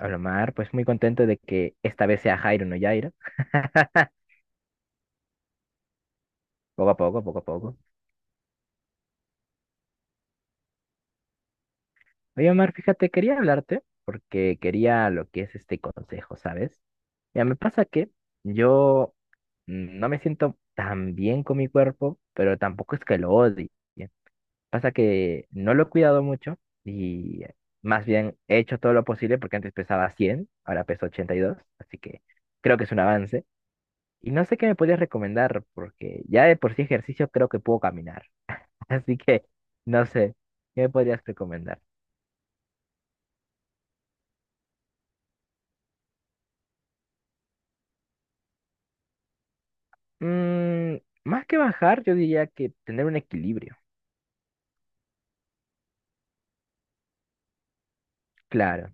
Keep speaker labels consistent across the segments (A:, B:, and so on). A: Olomar, pues muy contento de que esta vez sea Jairo, no Jairo. Poco a poco, poco a poco. Oye, Omar, fíjate, quería hablarte porque quería lo que es este consejo, ¿sabes? Ya me pasa que yo no me siento tan bien con mi cuerpo, pero tampoco es que lo odie. Pasa que no lo he cuidado mucho y más bien he hecho todo lo posible porque antes pesaba 100, ahora peso 82, así que creo que es un avance. Y no sé qué me podías recomendar, porque ya de por sí ejercicio creo que puedo caminar. Así que no sé, ¿qué me podrías recomendar? Mm, más que bajar, yo diría que tener un equilibrio. Claro.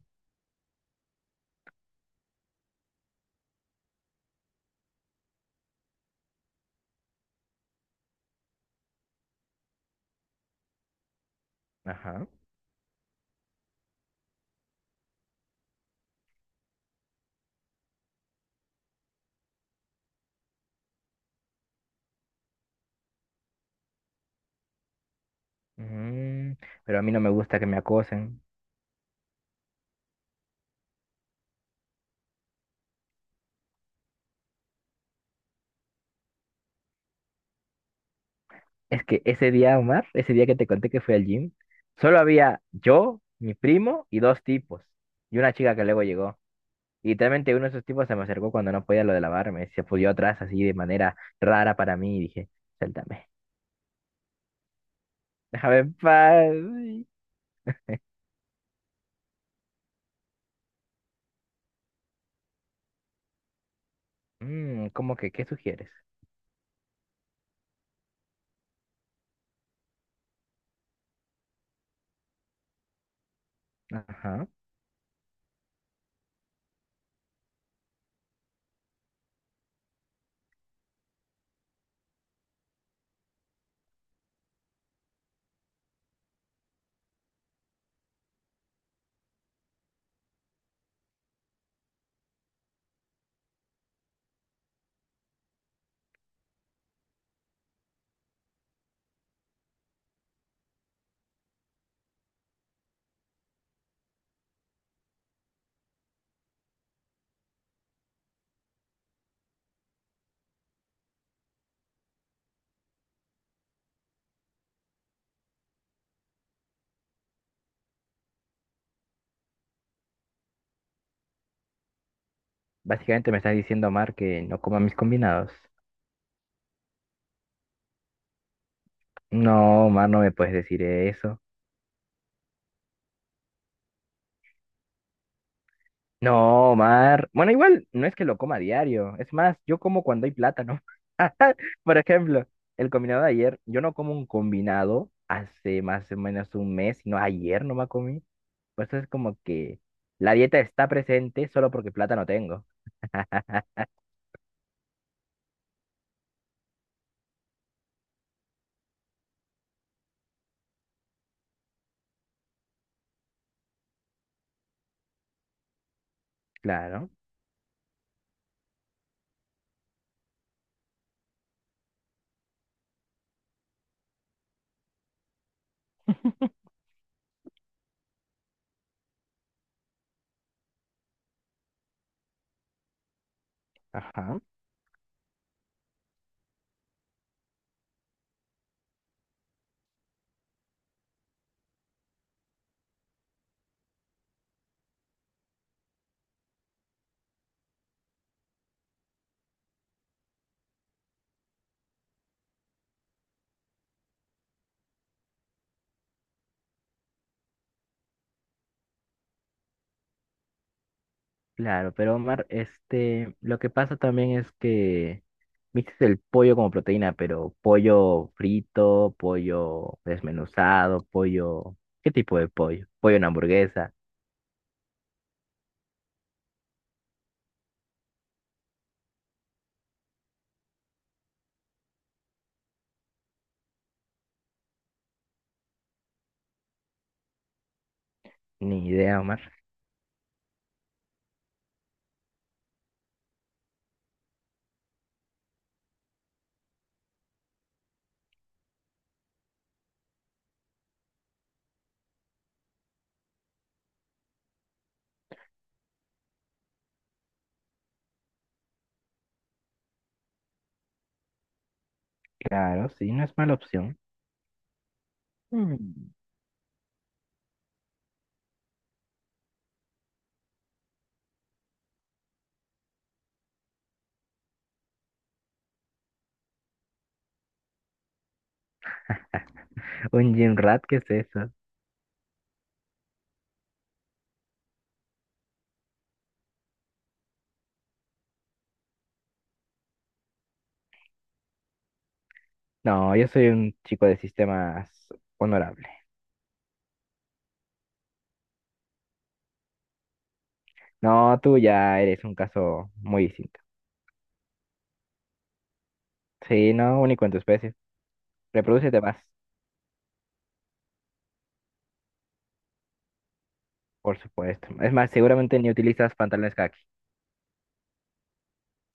A: Ajá. Mm, pero a mí no me gusta que me acosen. Es que ese día, Omar, ese día que te conté que fui al gym, solo había yo, mi primo y dos tipos. Y una chica que luego llegó. Y literalmente uno de esos tipos se me acercó cuando no podía lo de lavarme. Se pudió atrás así de manera rara para mí y dije, suéltame. Déjame en paz. Mm, ¿cómo que qué sugieres? Ajá. Básicamente me estás diciendo, Mar, que no coma mis combinados. No, Mar, no me puedes decir eso. No, Mar. Bueno, igual no es que lo coma a diario. Es más, yo como cuando hay plátano. Por ejemplo, el combinado de ayer, yo no como un combinado hace más o menos un mes, sino ayer no me comí. Pues eso es como que la dieta está presente solo porque plátano tengo. Claro. Ajá. Claro, pero Omar, lo que pasa también es que mixes el pollo como proteína, pero pollo frito, pollo desmenuzado, pollo, ¿qué tipo de pollo? Pollo en hamburguesa, ni idea, Omar. Claro, sí, no es mala opción. Mm. ¿Un gym rat? ¿Qué es eso? No, yo soy un chico de sistemas honorable. No, tú ya eres un caso muy distinto. Sí, no, único en tu especie. Reprodúcete más, por supuesto. Es más, seguramente ni utilizas pantalones kaki.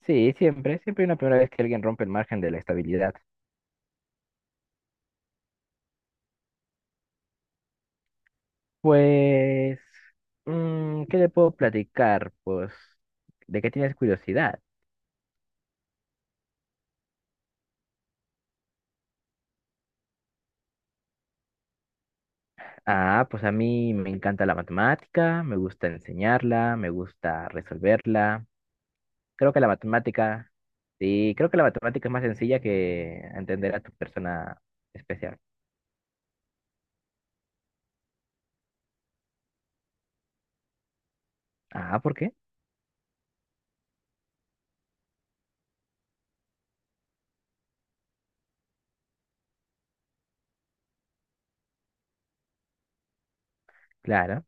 A: Sí, siempre, siempre hay una primera vez que alguien rompe el margen de la estabilidad. Pues, mm, ¿qué le puedo platicar? Pues, ¿de qué tienes curiosidad? Ah, pues a mí me encanta la matemática, me gusta enseñarla, me gusta resolverla. Creo que la matemática, sí, creo que la matemática es más sencilla que entender a tu persona especial. Ah, ¿por qué? Claro,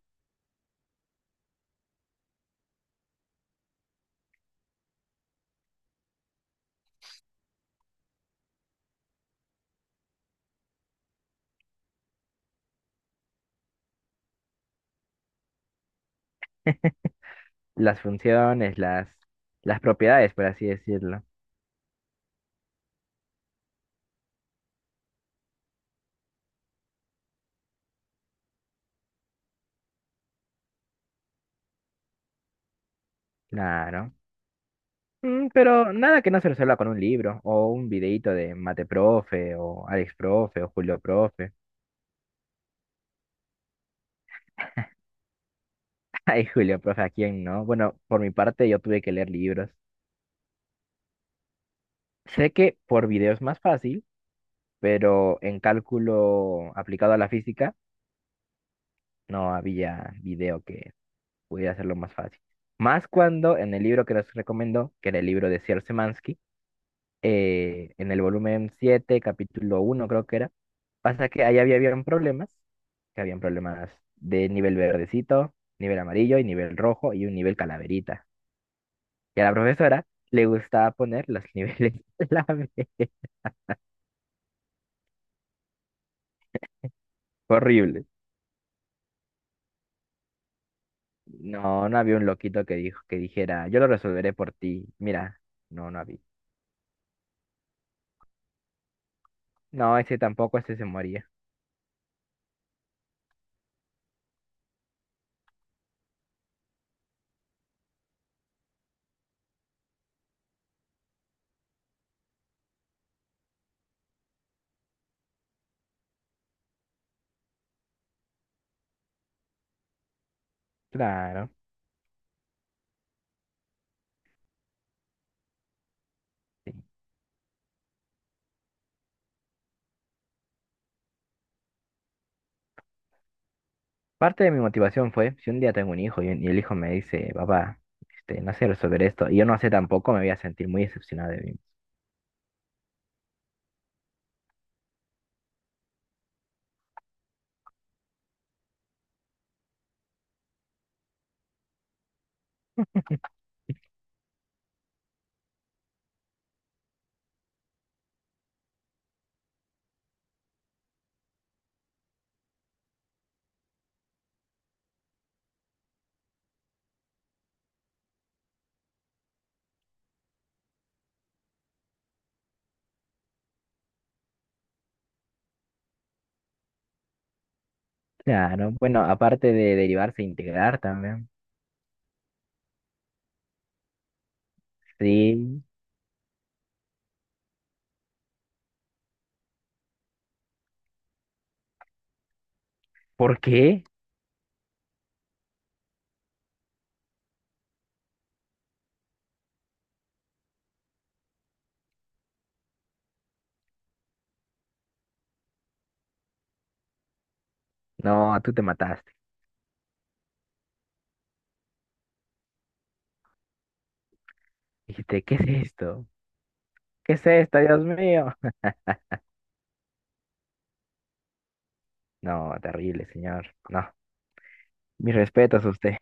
A: las funciones, las propiedades, por así decirlo. Claro. Mm, pero nada que no se resuelva con un libro o un videíto de Mate Profe o Alex Profe o Julio Profe. Ay, Julio Profe, ¿a quién no? Bueno, por mi parte yo tuve que leer libros. Sé que por video es más fácil, pero en cálculo aplicado a la física no había video que pudiera hacerlo más fácil. Más cuando en el libro que nos recomendó, que era el libro de Sierra Szymanski, en el volumen 7 capítulo uno creo que era. Pasa que ahí habían problemas, que habían problemas de nivel verdecito, nivel amarillo y nivel rojo y un nivel calaverita. Y a la profesora le gustaba poner los niveles clave. Horrible. No, no había un loquito que que dijera, yo lo resolveré por ti. Mira, no, no había. No, ese tampoco, ese se moría. Claro. Sí. Parte de mi motivación fue, si un día tengo un hijo y el hijo me dice, papá, no sé resolver esto, y yo no sé tampoco, me voy a sentir muy decepcionado de mí. Claro, bueno, aparte de derivarse, e integrar también. Sí. ¿Por qué? No, tú te mataste. Dijiste, ¿qué es esto? ¿Qué es esto, Dios mío? No, terrible, señor. No, mis respetos a usted.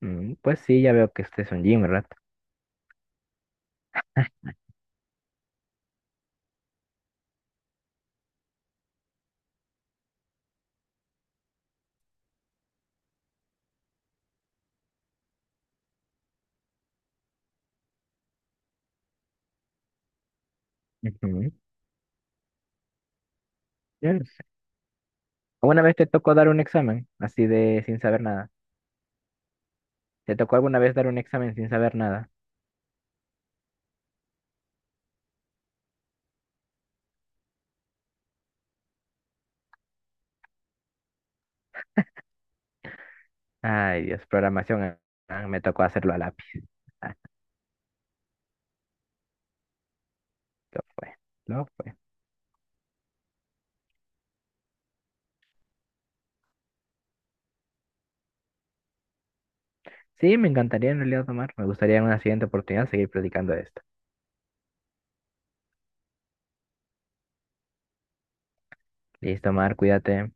A: Mm, pues sí, ya veo que usted es un gym, ¿verdad? Ujú. Yes. ¿Alguna vez te tocó dar un examen así de sin saber nada? ¿Te tocó alguna vez dar un examen sin saber nada? Ay, Dios, programación. Me tocó hacerlo a lápiz. Ah, lo fue, lo fue. Sí, me encantaría en realidad, Omar. Me gustaría en una siguiente oportunidad seguir platicando de esto. Listo, Omar, cuídate.